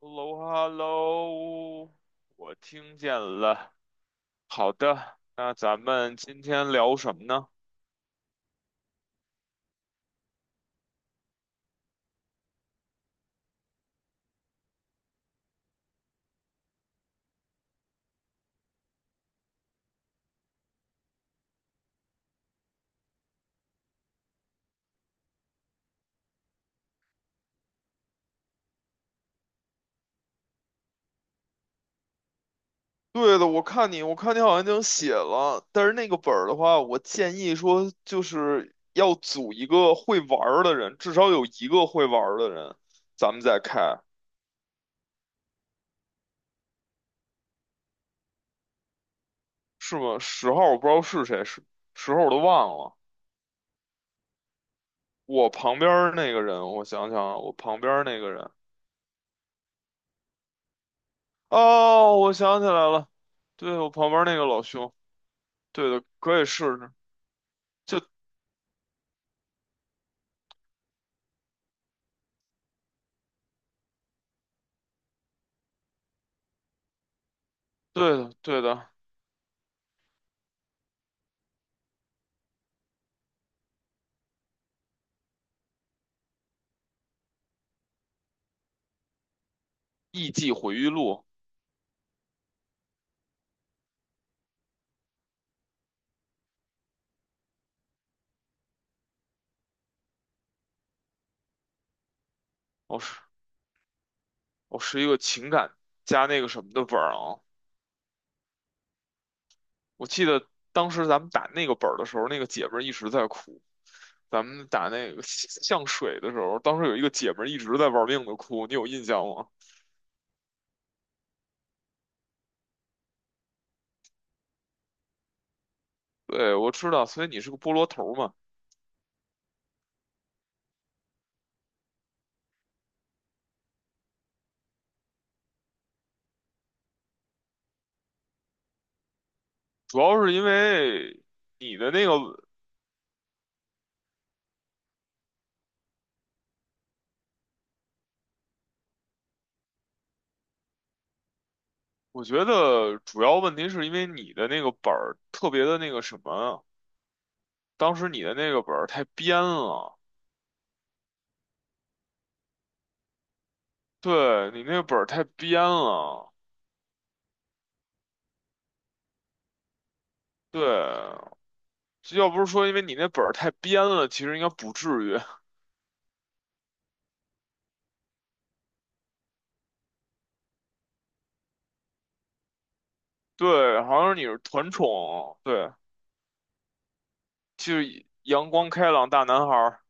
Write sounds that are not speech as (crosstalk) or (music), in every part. Hello，Hello，我听见了。好的，那咱们今天聊什么呢？对的，我看你好像已经写了，但是那个本儿的话，我建议说就是要组一个会玩儿的人，至少有一个会玩儿的人，咱们再开，是吗？十号我不知道是谁，十号我都忘了。我旁边儿那个人，我想想啊，我旁边儿那个人，哦，我想起来了，对，我旁边儿那个老兄。对的，可以试试。就对的，对的，《艺伎回忆录》哦，我是我是一个情感加那个什么的本儿啊。我记得当时咱们打那个本儿的时候，那个姐们儿一直在哭。咱们打那个像水的时候，当时有一个姐们儿一直在玩命的哭，你有印象吗？对，我知道，所以你是个菠萝头儿嘛，主要是因为你的那个，我觉得主要问题是因为你的那个本儿特别的那个什么啊，当时你的那个本儿太编了。对你那本儿太编了，对，要不是说因为你那本儿太编了，其实应该不至于。(laughs) 对，好像你是团宠，对，就是阳光开朗大男孩儿，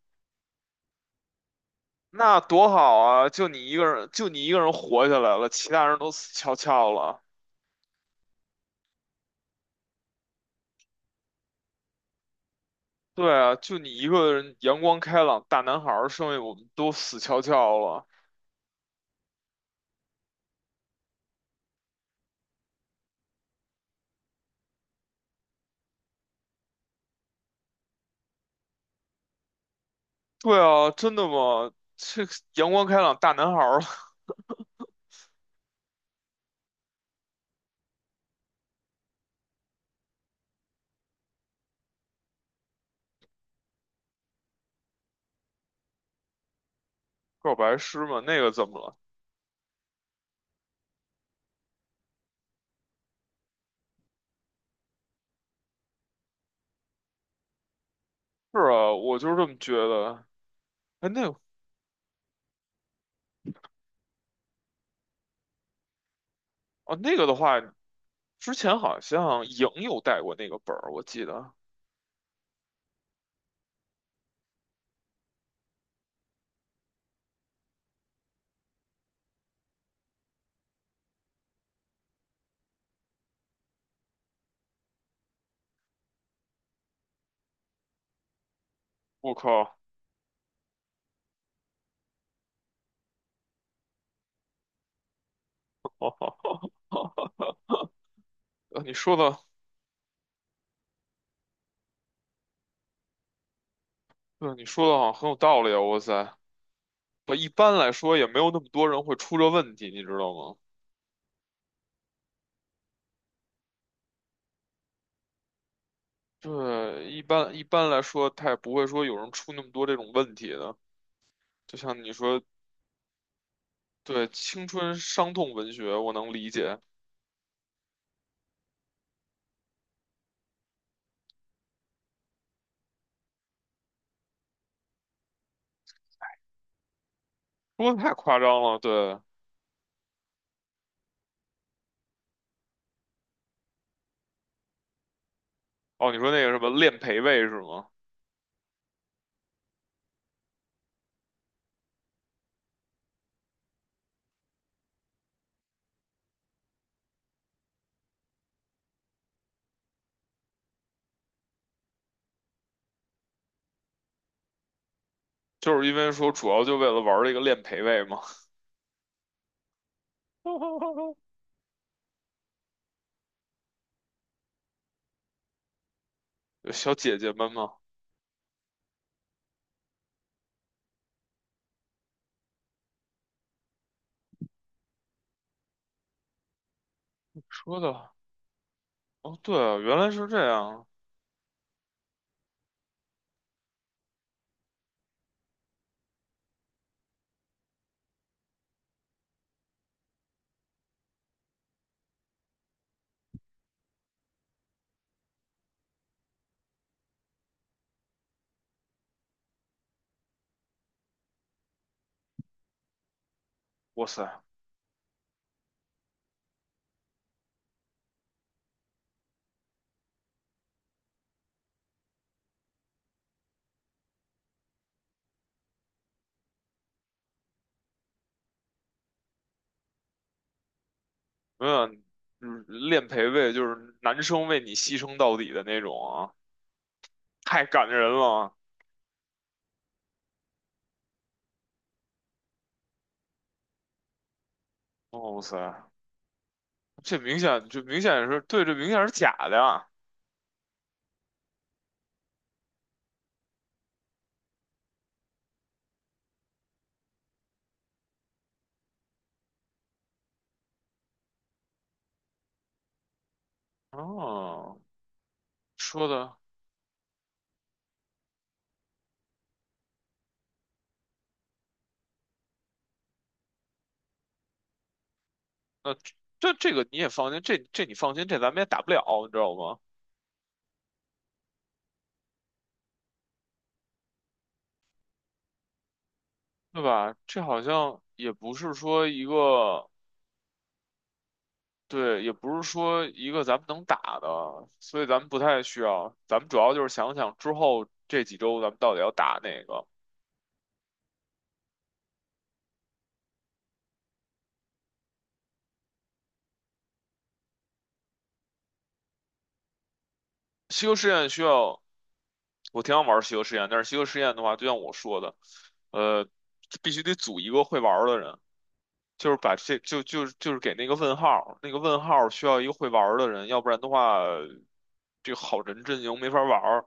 那多好啊！就你一个人，就你一个人活下来了，其他人都死翘翘了。对啊，就你一个人阳光开朗大男孩儿，剩下我们都死翘翘了。对啊，真的吗？这个阳光开朗大男孩儿 (laughs) 告白诗吗？那个怎么了？是啊，我就是这么觉得。哎，那个哦，那个的话，之前好像莹有带过那个本儿，我记得。我靠，(laughs) 你说的，对，你说的好像很有道理啊！哇塞，不，一般来说也没有那么多人会出这问题，你知道吗？对，一般来说，他也不会说有人出那么多这种问题的。就像你说，对，青春伤痛文学，我能理解，说的太夸张了。对，哦，你说那个什么练陪位是吗？就是因为说主要就为了玩这个练陪位吗？(laughs) 有小姐姐们吗？说的哦，对啊，原来是这样。哇塞，没有，嗯练陪位就是男生为你牺牲到底的那种啊，太感人了。哦哇塞，这明显这明显是对，这明显是假的呀。哦，说的那这个你也放心，这你放心，这咱们也打不了，你知道吗？对吧？这好像也不是说一个。对，也不是说一个咱们能打的，所以咱们不太需要。咱们主要就是想想之后这几周咱们到底要打哪个。西游试验需要，我挺想玩西游试验，但是西游试验的话，就像我说的，呃，必须得组一个会玩儿的人，就是把这就是给那个问号，那个问号需要一个会玩儿的人，要不然的话，这个好人阵营没法玩儿。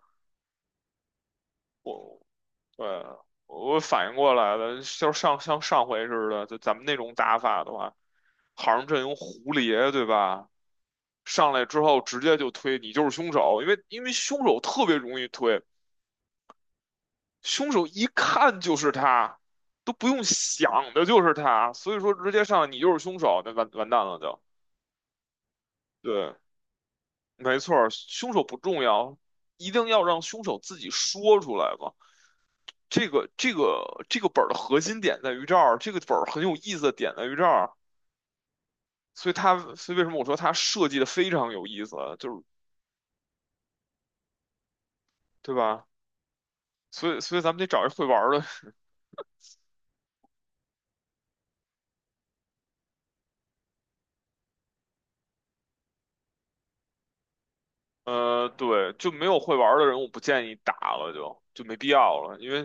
对啊，我反应过来了，就是像上回似的，就咱们那种打法的话，好像阵营胡蝶，对吧？上来之后直接就推你就是凶手，因为凶手特别容易推，凶手一看就是他，都不用想的就是他，所以说直接上来你就是凶手，那完蛋了就。对，没错儿，凶手不重要，一定要让凶手自己说出来嘛。这个本儿的核心点在于这儿，这个本儿很有意思的点在于这儿，所以为什么我说它设计的非常有意思，就是对吧？所以咱们得找一会玩的，对，就没有会玩的人，我不建议打了就没必要了，因为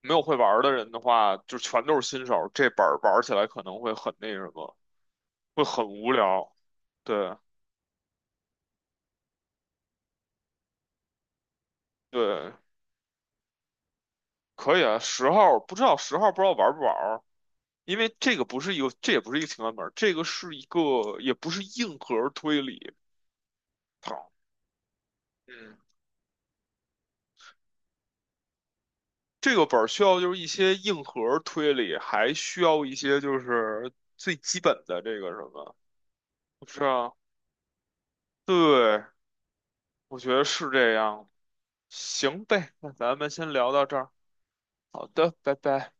没有会玩的人的话，就全都是新手，这本儿玩起来可能会很那什么，会很无聊。对对，可以啊，十号不知道玩不玩因为这个不是一个，这也不是一个情感本儿，这个是一个，也不是硬核推理。好，嗯，这个本儿需要就是一些硬核推理，还需要一些就是最基本的这个什么，是啊？对，我觉得是这样。行呗，那咱们先聊到这儿。好的，拜拜。